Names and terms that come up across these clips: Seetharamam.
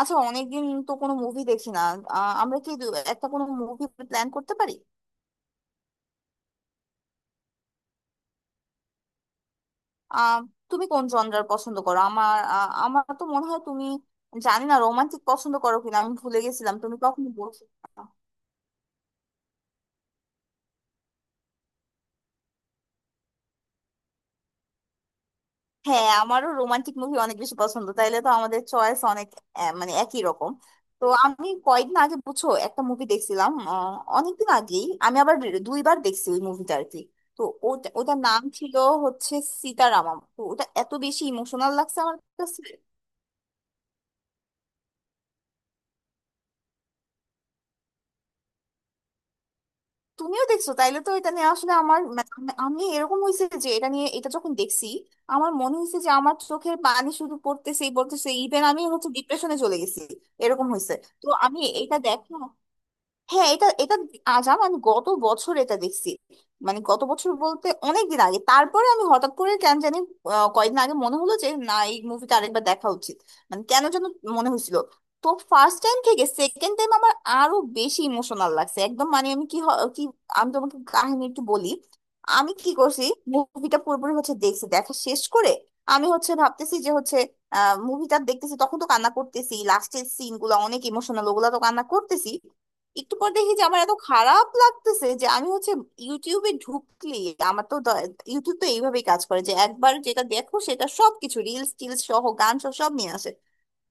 আচ্ছা, অনেকদিন তো কোনো মুভি দেখি না। আমরা কি একটা কোনো মুভি প্ল্যান করতে পারি? আহ তুমি কোন জনরার পছন্দ করো? আমার আমার তো মনে হয় তুমি, জানি না, রোমান্টিক পছন্দ করো কিনা। আমি ভুলে গেছিলাম তুমি কখনো বলছো। হ্যাঁ, আমারও রোমান্টিক মুভি অনেক বেশি পছন্দ। তাইলে তো আমাদের চয়েস অনেক মানে একই রকম। তো আমি কয়েকদিন আগে, বুঝছো, একটা মুভি দেখছিলাম। অনেকদিন আগেই আমি আবার দুইবার দেখছি ওই মুভিটা আর কি। তো ওটা, ওটার নাম ছিল হচ্ছে সীতারামম। তো ওটা এত বেশি ইমোশনাল লাগছে আমার কাছে। তুমিও দেখছো? তাইলে তো এটা নিয়ে আসলে আমার মানে আমি আমি এরকম হয়েছে যে এটা নিয়ে, এটা যখন দেখছি আমার মনে হয়েছে যে আমার চোখের পানি শুধু পড়তেছেই পড়তেছে, ইভেন আমি হচ্ছে ডিপ্রেশনে চলে গেছি এরকম হয়েছে। তো আমি এটা, দেখো, হ্যাঁ, এটা এটা আজ আমার, আমি গত বছর এটা দেখছি। মানে গত বছর বলতে অনেক দিন আগে। তারপরে আমি হঠাৎ করে কেন জানি কয়েকদিন আগে মনে হলো যে না, এই মুভিটা আরেকবার দেখা উচিত। মানে কেন যেন মনে হয়েছিল। তো ফার্স্ট টাইম থেকে সেকেন্ড টাইম আমার আরো বেশি ইমোশনাল লাগছে একদম। মানে আমি কি কি, আমি তোমাকে কাহিনী একটু বলি আমি কি করছি। মুভিটা পুরোপুরি হচ্ছে দেখছি, দেখা শেষ করে আমি হচ্ছে ভাবতেছি যে হচ্ছে মুভিটা দেখতেছি তখন তো কান্না করতেছি। লাস্টের সিন গুলা অনেক ইমোশনাল, ওগুলা তো কান্না করতেছি। একটু পর দেখি যে আমার এত খারাপ লাগতেছে যে আমি হচ্ছে ইউটিউবে ঢুকলি। আমার তো ইউটিউব তো এইভাবেই কাজ করে যে একবার যেটা দেখো সেটা সবকিছু, রিলস টিলস সহ, গান সহ সব নিয়ে আসে।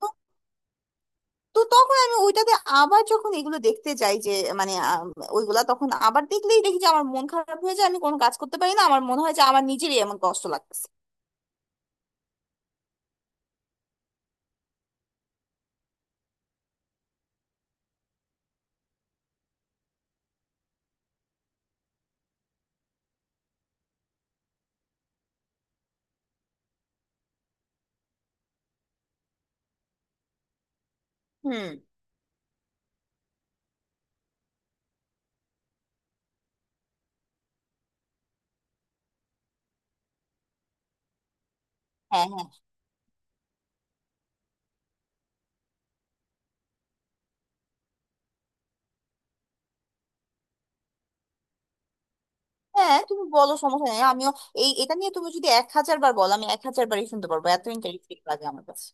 তো তো তখন আমি ওইটাতে আবার যখন এগুলো দেখতে যাই যে মানে ওইগুলা তখন আবার দেখলেই দেখি যে আমার মন খারাপ হয়ে যায়, আমি কোনো কাজ করতে পারি না, আমার মনে হয় যে আমার নিজেরই এমন কষ্ট লাগতেছে। হুম। হ্যাঁ, হ্যাঁ, হ্যাঁ, তুমি বলো, সমস্যা নেই। আমিও এই, এটা নিয়ে তুমি যদি এক হাজার বার বলো আমি এক হাজার বারই শুনতে পারবো, এত ইন্টারেস্টিং লাগে আমার কাছে।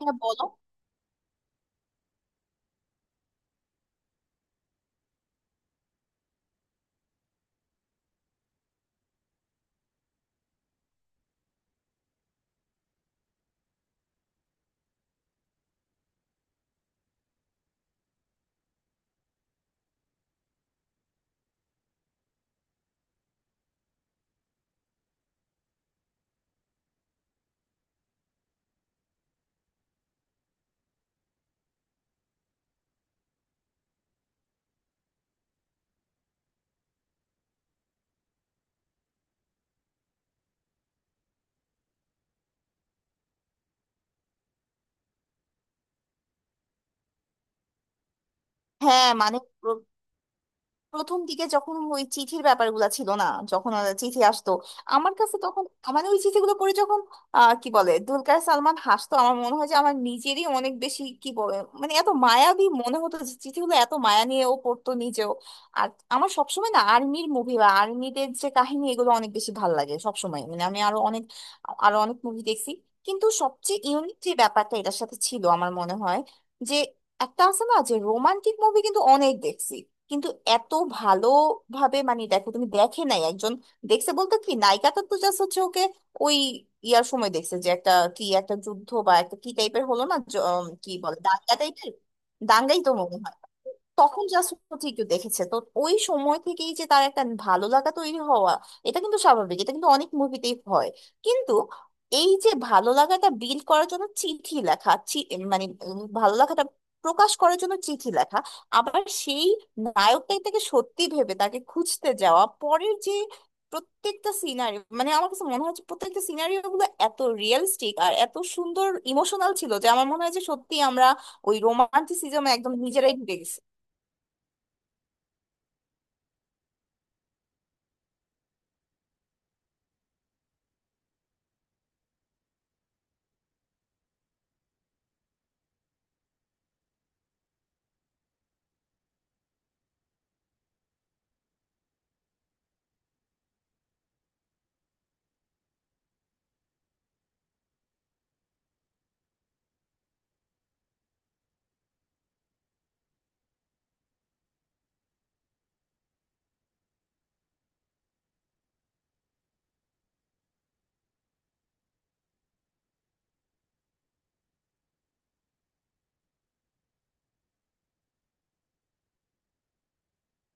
হ্যাঁ, বলো। হ্যাঁ মানে প্রথম দিকে যখন ওই চিঠির ব্যাপারগুলো ছিল না, যখন চিঠি আসতো আমার কাছে, তখন মানে ওই চিঠিগুলো পড়ে যখন কি বলে, দুলকার সালমান হাসতো, আমার মনে হয় যে আমার নিজেরই অনেক বেশি কি বলে, মানে এত মায়াবী মনে হতো যে চিঠিগুলো এত মায়া নিয়ে ও পড়তো নিজেও। আর আমার সবসময় না আর্মির মুভি বা আর্মিদের যে কাহিনী, এগুলো অনেক বেশি ভাল লাগে সবসময়। মানে আমি আরো অনেক, আরো অনেক মুভি দেখছি, কিন্তু সবচেয়ে ইউনিক যে ব্যাপারটা এটার সাথে ছিল আমার মনে হয় যে একটা আছে না যে রোমান্টিক মুভি কিন্তু অনেক দেখছি, কিন্তু এত ভালোভাবে মানে দেখো তুমি দেখে নাই একজন, দেখছে বলতে কি নায়িকাটা তো জাস্ট হচ্ছে ওকে ওই ইয়ার সময় দেখছে যে একটা, কি একটা যুদ্ধ বা একটা কি টাইপের হলো না, কি বলে, দাঙ্গা টাইপের, দাঙ্গাই তো মনে হয়। তখন জাস্ট হচ্ছে একটু দেখেছে তো। ওই সময় থেকেই যে তার একটা ভালো লাগা তৈরি হওয়া, এটা কিন্তু স্বাভাবিক, এটা কিন্তু অনেক মুভিতেই হয়। কিন্তু এই যে ভালো লাগাটা বিল্ড করার জন্য চিঠি লেখা, ভালো লাগাটা প্রকাশ করার জন্য চিঠি লেখা, আবার সেই নায়কটাই তাকে সত্যি ভেবে তাকে খুঁজতে যাওয়া, পরের যে প্রত্যেকটা সিনারিও, মানে আমার কাছে মনে হচ্ছে প্রত্যেকটা সিনারিও গুলো এত রিয়েলিস্টিক আর এত সুন্দর ইমোশনাল ছিল যে আমার মনে হয় যে সত্যি আমরা ওই রোমান্টিসিজমে একদম নিজেরাই ঢুকে গেছি।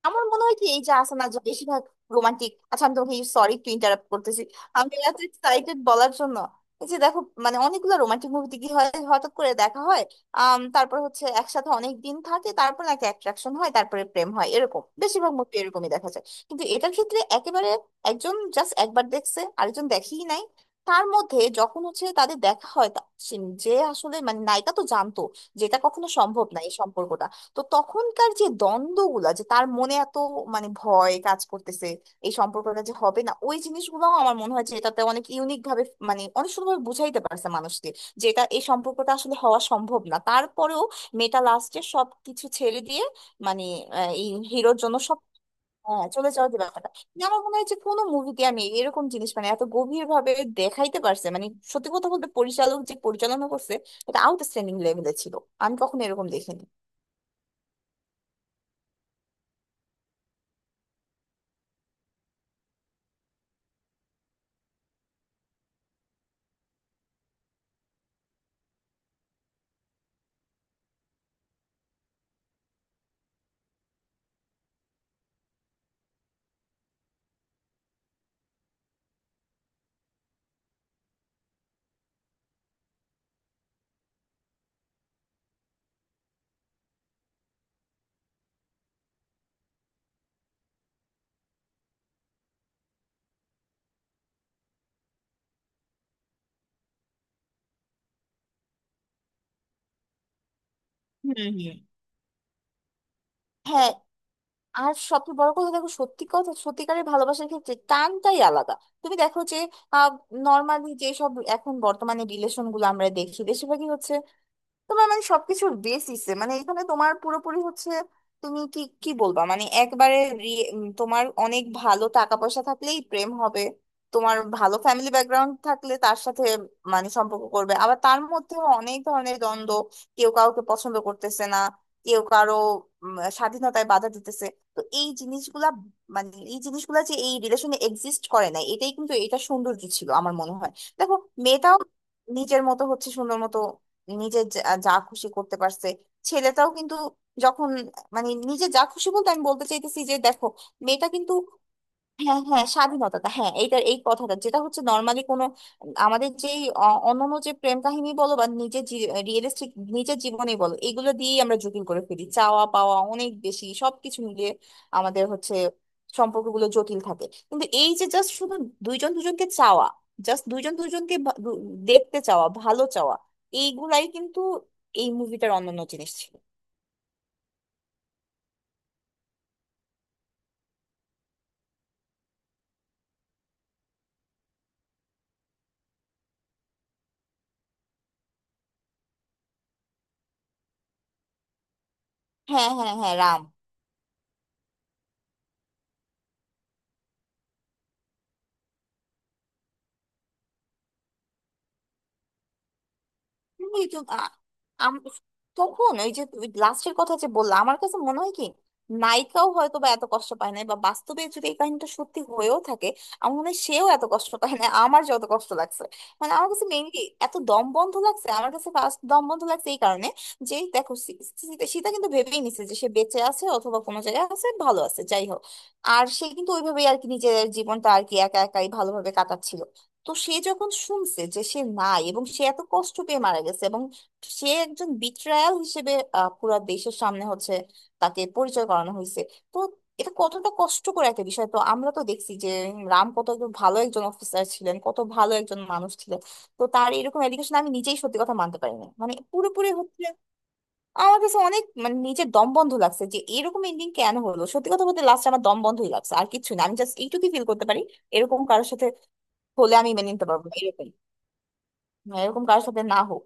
আমার মনে হয় কি, এই যে আছে না যে বেশিরভাগ রোমান্টিক, আচ্ছা আমি তোমাকে সরি একটু ইন্টারাপ্ট করতেছি, আমি এত এক্সাইটেড বলার জন্য। এই যে দেখো, মানে অনেকগুলো রোমান্টিক মুভিতে কি হয়, হঠাৎ করে দেখা হয়, তারপর হচ্ছে একসাথে অনেক দিন থাকে, তারপর একটা অ্যাট্রাকশন হয়, তারপরে প্রেম হয়, এরকম বেশিরভাগ মুভি এরকমই দেখা যায়। কিন্তু এটার ক্ষেত্রে একেবারে একজন জাস্ট একবার দেখছে, আরেকজন দেখেই নাই। তার মধ্যে যখন হচ্ছে তাদের দেখা হয়, যে আসলে মানে নায়িকা তো জানতো যেটা কখনো সম্ভব না এই সম্পর্কটা। তো তখনকার যে দ্বন্দ্বগুলা, যে তার মনে এত মানে ভয় কাজ করতেছে এই সম্পর্কটা যে হবে না, ওই জিনিসগুলো আমার মনে হয় যে এটাতে অনেক ইউনিক ভাবে, মানে অনেক সুন্দরভাবে বুঝাইতে পারছে মানুষকে যে এটা, এই সম্পর্কটা আসলে হওয়া সম্ভব না। তারপরেও মেয়েটা লাস্টে সবকিছু ছেড়ে দিয়ে মানে এই হিরোর জন্য সব, হ্যাঁ, চলে যাওয়ার যে ব্যাপারটা, কিন্তু আমার মনে হয় যে কোনো মুভিতে আমি এরকম জিনিস মানে এত গভীর ভাবে দেখাইতে পারছে। মানে সত্যি কথা বলতে পরিচালক যে পরিচালনা করছে, এটা আউটস্ট্যান্ডিং লেভেলে ছিল। আমি কখনো এরকম দেখিনি। হুম, হুম। হ্যাঁ, আর সবচেয়ে বড় কথা, দেখো সত্যি কথা, সত্যিকারের ভালোবাসার ক্ষেত্রে টানটাই আলাদা। তুমি দেখো যে নর্মালি যেসব এখন বর্তমানে রিলেশন গুলো আমরা দেখি, বেশিরভাগই হচ্ছে তোমার মানে সবকিছুর বেসিসে, মানে এখানে তোমার পুরোপুরি হচ্ছে তুমি কি কি বলবা, মানে একবারে তোমার অনেক ভালো টাকা পয়সা থাকলেই প্রেম হবে, তোমার ভালো ফ্যামিলি ব্যাকগ্রাউন্ড থাকলে তার সাথে মানে সম্পর্ক করবে, আবার তার মধ্যেও অনেক ধরনের দ্বন্দ্ব, কেউ কাউকে পছন্দ করতেছে না, কেউ কারো স্বাধীনতায় বাধা দিতেছে। তো এই জিনিসগুলা, মানে এই জিনিসগুলা যে এই রিলেশনে এক্সিস্ট করে না, এটাই কিন্তু এটা সৌন্দর্য ছিল আমার মনে হয়। দেখো মেয়েটাও নিজের মতো হচ্ছে সুন্দর মতো নিজে যা যা খুশি করতে পারছে, ছেলেটাও কিন্তু যখন, মানে নিজে যা খুশি বলতে আমি বলতে চাইতেছি যে দেখো মেয়েটা কিন্তু, হ্যাঁ হ্যাঁ, স্বাধীনতাটা হ্যাঁ, এইটার এই কথাটা যেটা হচ্ছে, নর্মালি কোনো আমাদের যেই অন্যান্য যে প্রেম কাহিনী বলো বা নিজের রিয়েলিস্টিক নিজের জীবনে বলো, এগুলো দিয়েই আমরা জটিল করে ফেলি, চাওয়া পাওয়া অনেক বেশি, সবকিছু মিলিয়ে আমাদের হচ্ছে সম্পর্কগুলো জটিল থাকে। কিন্তু এই যে জাস্ট শুধু দুইজন দুজনকে চাওয়া, জাস্ট দুইজন দুজনকে দেখতে চাওয়া, ভালো চাওয়া, এইগুলাই কিন্তু এই মুভিটার অন্যান্য জিনিস ছিল। হ্যাঁ হ্যাঁ হ্যাঁ, রাম। এই তো আ- আম- তখন ওই যে লাস্টের কথা যে বললাম, আমার কাছে মনে হয় কি, নায়িকাও হয়তো বা এত কষ্ট পায় নাই, বা বাস্তবে যদি এই কাহিনীটা সত্যি হয়েও থাকে আমার মনে হয় সেও এত কষ্ট পায় না আমার যত কষ্ট লাগছে। মানে আমার কাছে মেইনলি এত দম বন্ধ লাগছে, আমার কাছে ফার্স্ট দম বন্ধ লাগছে এই কারণে যে, দেখো সীতা, সীতা কিন্তু ভেবেই নিছে যে সে বেঁচে আছে, অথবা কোনো জায়গায় আছে, ভালো আছে, যাই হোক। আর সে কিন্তু ওইভাবেই আর কি নিজের জীবনটা আর কি একা একাই ভালোভাবে কাটাচ্ছিল। তো সে যখন শুনছে যে সে নাই এবং সে এত কষ্ট পেয়ে মারা গেছে, এবং সে একজন বিট্রায়াল হিসেবে পুরা দেশের সামনে হচ্ছে তাকে পরিচয় করানো হয়েছে, তো এটা কতটা কষ্টকর একটা বিষয়। তো আমরা তো দেখছি যে রাম কত একজন ভালো একজন অফিসার ছিলেন, কত ভালো একজন মানুষ ছিলেন। তো তার এরকম এলিগেশন আমি নিজেই সত্যি কথা মানতে পারিনি, মানে পুরোপুরি হচ্ছে আমার কাছে অনেক, মানে নিজের দম বন্ধ লাগছে যে এরকম এন্ডিং কেন হলো। সত্যি কথা বলতে লাস্ট আমার দম বন্ধই লাগছে, আর কিছু না, আমি জাস্ট এইটুকুই ফিল করতে পারি। এরকম কারোর সাথে হলে আমি মেনে নিতে পারবো এরকম, হ্যাঁ, এরকম কারোর সাথে না হোক।